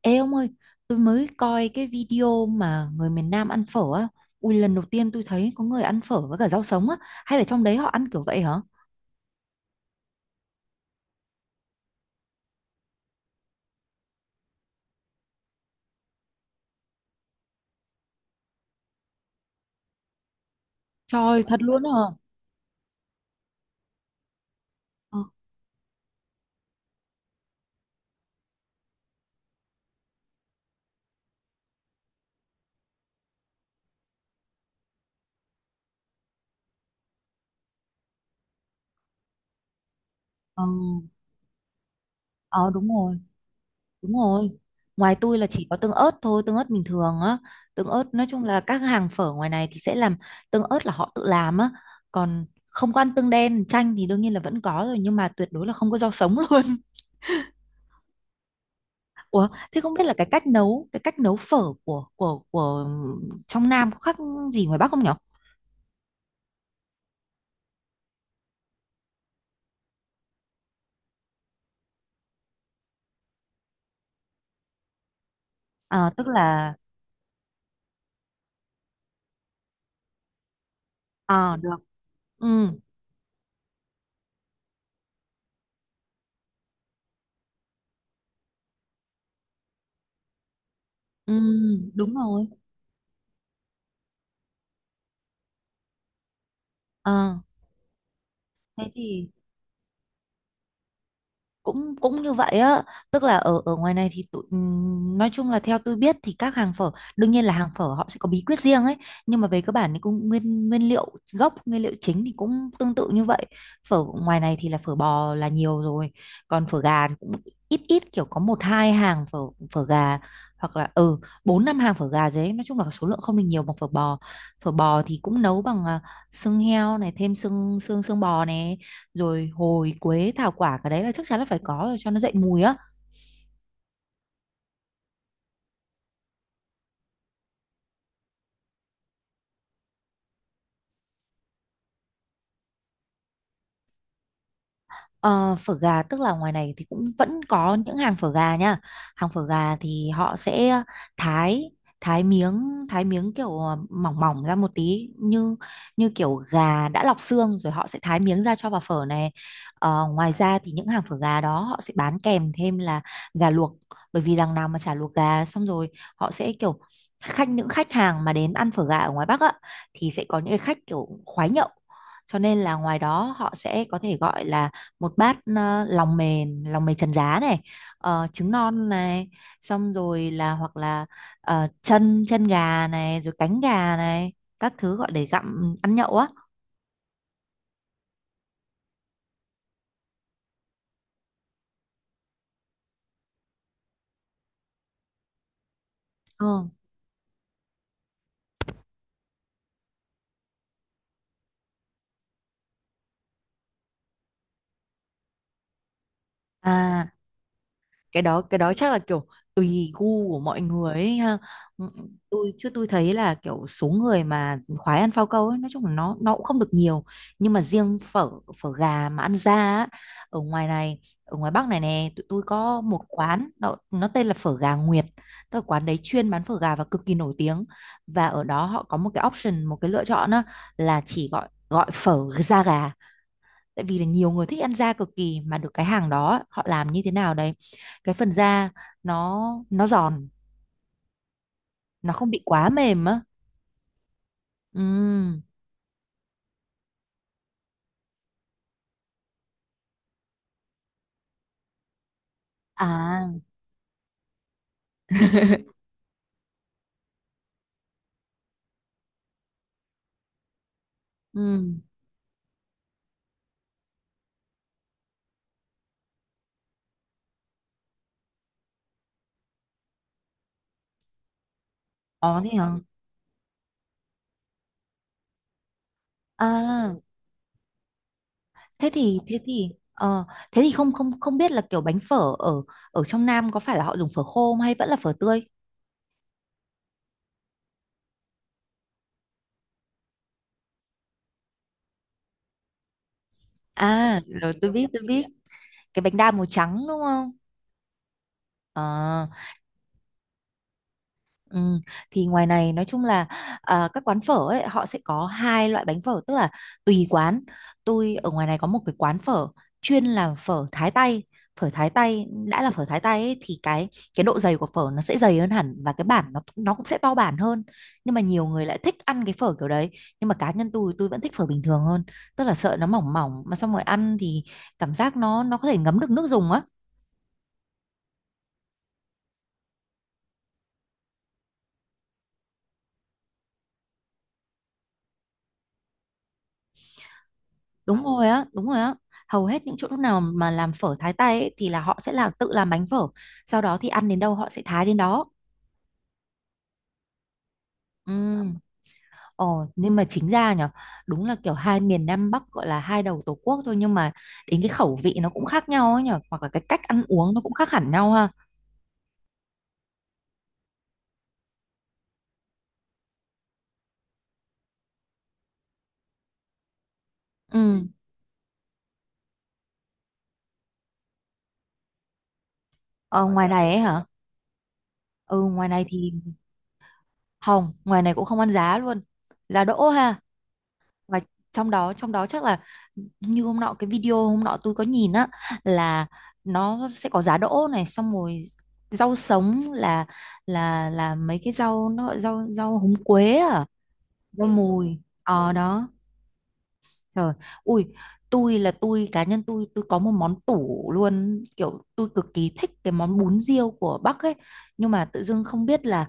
Ê ông ơi, tôi mới coi cái video mà người miền Nam ăn phở á. Ui, lần đầu tiên tôi thấy có người ăn phở với cả rau sống á. Hay là trong đấy họ ăn kiểu vậy hả? Trời, thật luôn hả? Ờ, ờ, ờ, đúng rồi, đúng rồi. Ngoài tôi là chỉ có tương ớt thôi, tương ớt bình thường á. Tương ớt, nói chung là các hàng phở ngoài này thì sẽ làm tương ớt là họ tự làm á. Còn không có ăn tương đen, chanh thì đương nhiên là vẫn có rồi. Nhưng mà tuyệt đối là không có rau sống luôn. Ủa, thế không biết là cái cách nấu phở của trong Nam có khác gì ngoài Bắc không nhở? À, tức là. À được. Ừ, ừ, đúng rồi. À, thế thì cũng cũng như vậy á, tức là ở ở ngoài này thì tụi nói chung là theo tôi biết thì các hàng phở đương nhiên là hàng phở họ sẽ có bí quyết riêng ấy, nhưng mà về cơ bản thì cũng nguyên nguyên liệu gốc, nguyên liệu chính thì cũng tương tự như vậy. Phở ngoài này thì là phở bò là nhiều rồi, còn phở gà thì cũng ít ít kiểu có một hai hàng phở phở gà, hoặc là bốn năm hàng phở gà đấy, nói chung là số lượng không được nhiều bằng phở bò. Phở bò thì cũng nấu bằng xương heo này, thêm xương xương xương bò này, rồi hồi, quế, thảo quả, cái đấy là chắc chắn là phải có rồi cho nó dậy mùi á. Ờ, phở gà tức là ngoài này thì cũng vẫn có những hàng phở gà nha. Hàng phở gà thì họ sẽ thái thái miếng kiểu mỏng mỏng ra một tí, như như kiểu gà đã lọc xương rồi họ sẽ thái miếng ra cho vào phở này. Ờ, ngoài ra thì những hàng phở gà đó họ sẽ bán kèm thêm là gà luộc, bởi vì đằng nào mà chả luộc gà xong rồi họ sẽ kiểu khách, những khách hàng mà đến ăn phở gà ở ngoài Bắc á, thì sẽ có những cái khách kiểu khoái nhậu, cho nên là ngoài đó họ sẽ có thể gọi là một bát lòng mềm, lòng mề trần giá này, trứng non này, xong rồi là hoặc là ờ, chân chân gà này, rồi cánh gà này, các thứ gọi để gặm ăn nhậu á. Ừ. À, cái đó chắc là kiểu tùy gu của mọi người ấy ha. Ừ, tôi chứ tôi thấy là kiểu số người mà khoái ăn phao câu ấy nói chung là nó cũng không được nhiều, nhưng mà riêng phở phở gà mà ăn ra á, ở ngoài này, ở ngoài Bắc này nè, tụi tôi có một quán nó tên là phở gà Nguyệt, tức là quán đấy chuyên bán phở gà và cực kỳ nổi tiếng, và ở đó họ có một cái option, một cái lựa chọn á, là chỉ gọi gọi phở da gà, tại vì là nhiều người thích ăn da cực kỳ, mà được cái hàng đó họ làm như thế nào đấy cái phần da nó nó giòn, nó không bị quá mềm á. Ừ. À. Ừ. Ờ, thế hả? À, thế thì thế thì ờ thế thì không không không biết là kiểu bánh phở ở ở trong Nam có phải là họ dùng phở khô không hay vẫn là phở tươi. À, rồi tôi biết, tôi biết, cái bánh đa màu trắng đúng không? Ờ. Ừ, thì ngoài này nói chung là các quán phở ấy họ sẽ có hai loại bánh phở, tức là tùy quán. Tôi ở ngoài này có một cái quán phở chuyên làm phở Thái tây. Phở Thái tây, đã là phở Thái tây ấy, thì cái độ dày của phở nó sẽ dày hơn hẳn, và cái bản nó cũng sẽ to bản hơn, nhưng mà nhiều người lại thích ăn cái phở kiểu đấy. Nhưng mà cá nhân tôi vẫn thích phở bình thường hơn, tức là sợ nó mỏng mỏng mà xong rồi ăn thì cảm giác nó có thể ngấm được nước dùng á. Đúng rồi á, đúng rồi á. Hầu hết những chỗ nào mà làm phở thái tay ấy, thì là họ sẽ tự làm bánh phở. Sau đó thì ăn đến đâu họ sẽ thái đến đó. Ừ. Ồ, nhưng mà chính ra nhở, đúng là kiểu hai miền Nam Bắc gọi là hai đầu Tổ quốc thôi, nhưng mà đến cái khẩu vị nó cũng khác nhau ấy nhở, hoặc là cái cách ăn uống nó cũng khác hẳn nhau ha. Ừ. Ờ, ngoài này ấy hả? Ừ, ngoài này thì không, ngoài này cũng không ăn giá luôn. Giá đỗ ha. Và trong đó chắc là như hôm nọ, cái video hôm nọ tôi có nhìn á, là nó sẽ có giá đỗ này, xong rồi rau sống là mấy cái rau, nó gọi rau rau húng quế à. Rau mùi. Ờ. Ừ. Đó. Trời. Ui, tôi cá nhân tôi có một món tủ luôn, kiểu tôi cực kỳ thích cái món bún riêu của Bắc ấy, nhưng mà tự dưng không biết là,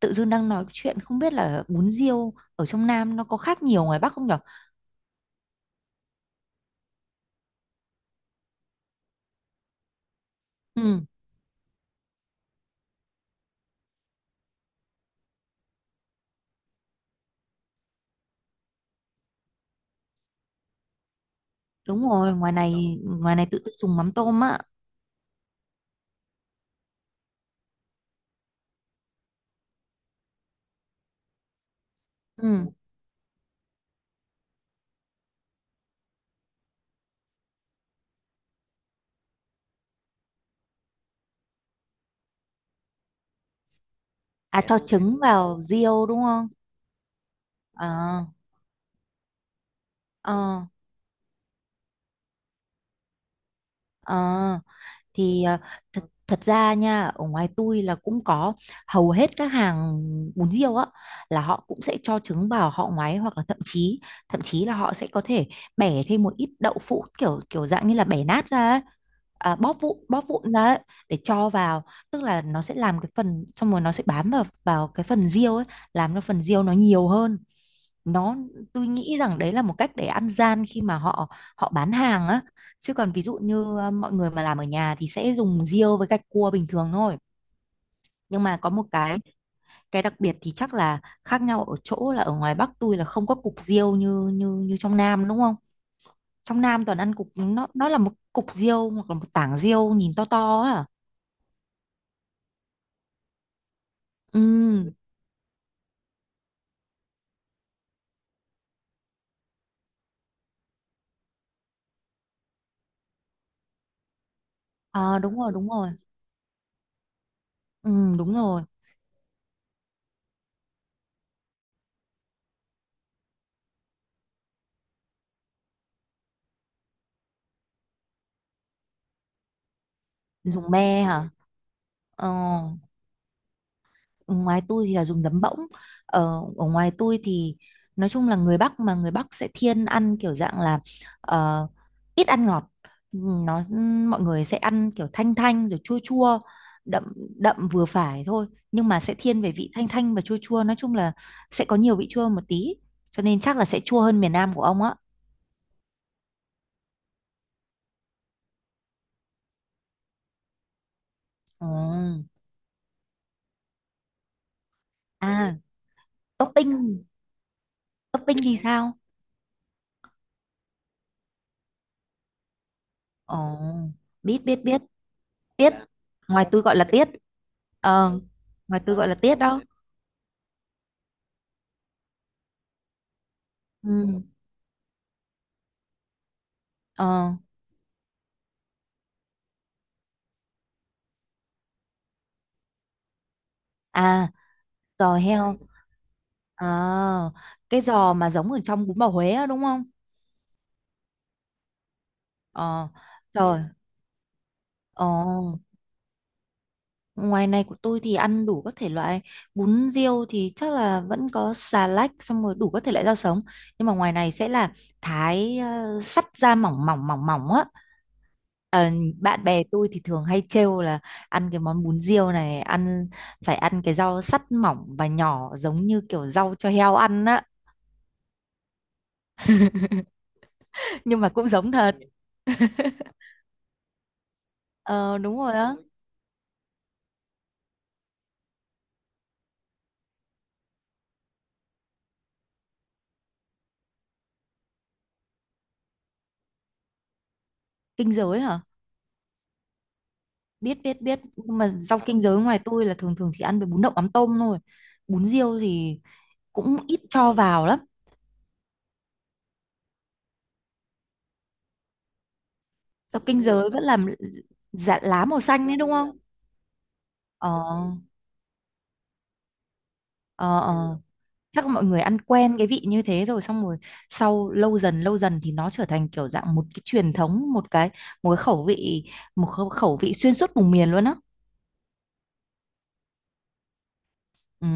tự dưng đang nói chuyện không biết là bún riêu ở trong Nam nó có khác nhiều ngoài Bắc không nhở. Ừ. Đúng rồi, ngoài này tự tự dùng mắm tôm á. Ừ. À, dạ, cho ok. Trứng vào riêu đúng không? Ờ, ờ, ờ, thì thật ra nha, ở ngoài tôi là cũng có hầu hết các hàng bún riêu á là họ cũng sẽ cho trứng vào họ ngoái, hoặc là thậm chí là họ sẽ có thể bẻ thêm một ít đậu phụ kiểu kiểu dạng như là bẻ nát ra ấy. À, bóp vụn ra ấy, để cho vào, tức là nó sẽ làm cái phần xong rồi nó sẽ bám vào vào cái phần riêu ấy, làm cho phần riêu nó nhiều hơn. nó tôi nghĩ rằng đấy là một cách để ăn gian khi mà họ họ bán hàng á, chứ còn ví dụ như mọi người mà làm ở nhà thì sẽ dùng riêu với gạch cua bình thường thôi. Nhưng mà có một cái đặc biệt thì chắc là khác nhau ở chỗ là ở ngoài Bắc tôi là không có cục riêu như như như trong Nam đúng không, trong Nam toàn ăn cục, nó là một cục riêu hoặc là một tảng riêu nhìn to to á à? Ừ. À, đúng rồi, đúng rồi. Ừ, đúng rồi. Dùng me hả? Ờ, ngoài tôi thì là dùng giấm bỗng, ở ở ngoài tôi thì nói chung là người Bắc, sẽ thiên ăn kiểu dạng là ờ, ít ăn ngọt, nó mọi người sẽ ăn kiểu thanh thanh rồi chua chua, đậm đậm vừa phải thôi, nhưng mà sẽ thiên về vị thanh thanh và chua chua, nói chung là sẽ có nhiều vị chua một tí, cho nên chắc là sẽ chua hơn miền Nam của ông á. Ừ. À, topping. Topping thì sao? Ồ, biết, biết, biết. Tiết. Dạ, ngoài tôi gọi là tiết. Ờ. Ừ. Ngoài tôi gọi là tiết đó. Ừ. Ờ. À, giò heo. Ờ, cái giò mà giống ở trong bún bò Huế á, đúng không? Ờ. Ừ. Trời. Ờ, ngoài này của tôi thì ăn đủ các thể loại, bún riêu thì chắc là vẫn có xà lách, xong rồi đủ các thể loại rau sống, nhưng mà ngoài này sẽ là thái sắt ra mỏng mỏng mỏng mỏng á. Ờ, bạn bè tôi thì thường hay trêu là ăn cái món bún riêu này, phải ăn cái rau sắt mỏng và nhỏ giống như kiểu rau cho heo ăn á, nhưng mà cũng giống thật. Ờ, đúng rồi á. Kinh giới hả? Biết, biết, biết, nhưng mà rau kinh giới ngoài tôi là thường thường chỉ ăn với bún đậu mắm tôm thôi, bún riêu thì cũng ít cho vào lắm. Rau kinh giới vẫn làm, dạ, lá màu xanh đấy đúng không? Ờ, ờ, ờ, chắc mọi người ăn quen cái vị như thế rồi, xong rồi sau lâu dần thì nó trở thành kiểu dạng một cái truyền thống, một cái khẩu vị, một khẩu khẩu vị xuyên suốt vùng miền luôn á. Ừ.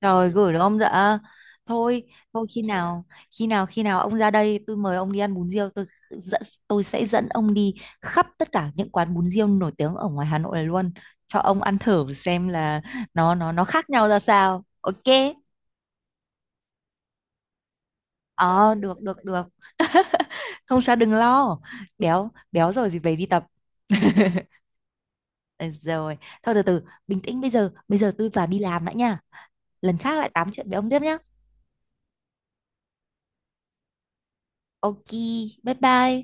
Rồi gửi được ông dạ? Thôi, thôi, khi nào ông ra đây tôi mời ông đi ăn bún riêu, dẫn- tôi sẽ dẫn ông đi khắp tất cả những quán bún riêu nổi tiếng ở ngoài Hà Nội này luôn, cho ông ăn thử xem là nó khác nhau ra sao. Ok. Ờ, được, được, được, không sao, đừng lo. Béo, béo rồi thì về đi tập. Ờ, rồi thôi, từ từ bình tĩnh, bây giờ tôi vào đi làm đã nha, lần khác lại tám chuyện với ông tiếp nhá. Ok. Bye bye.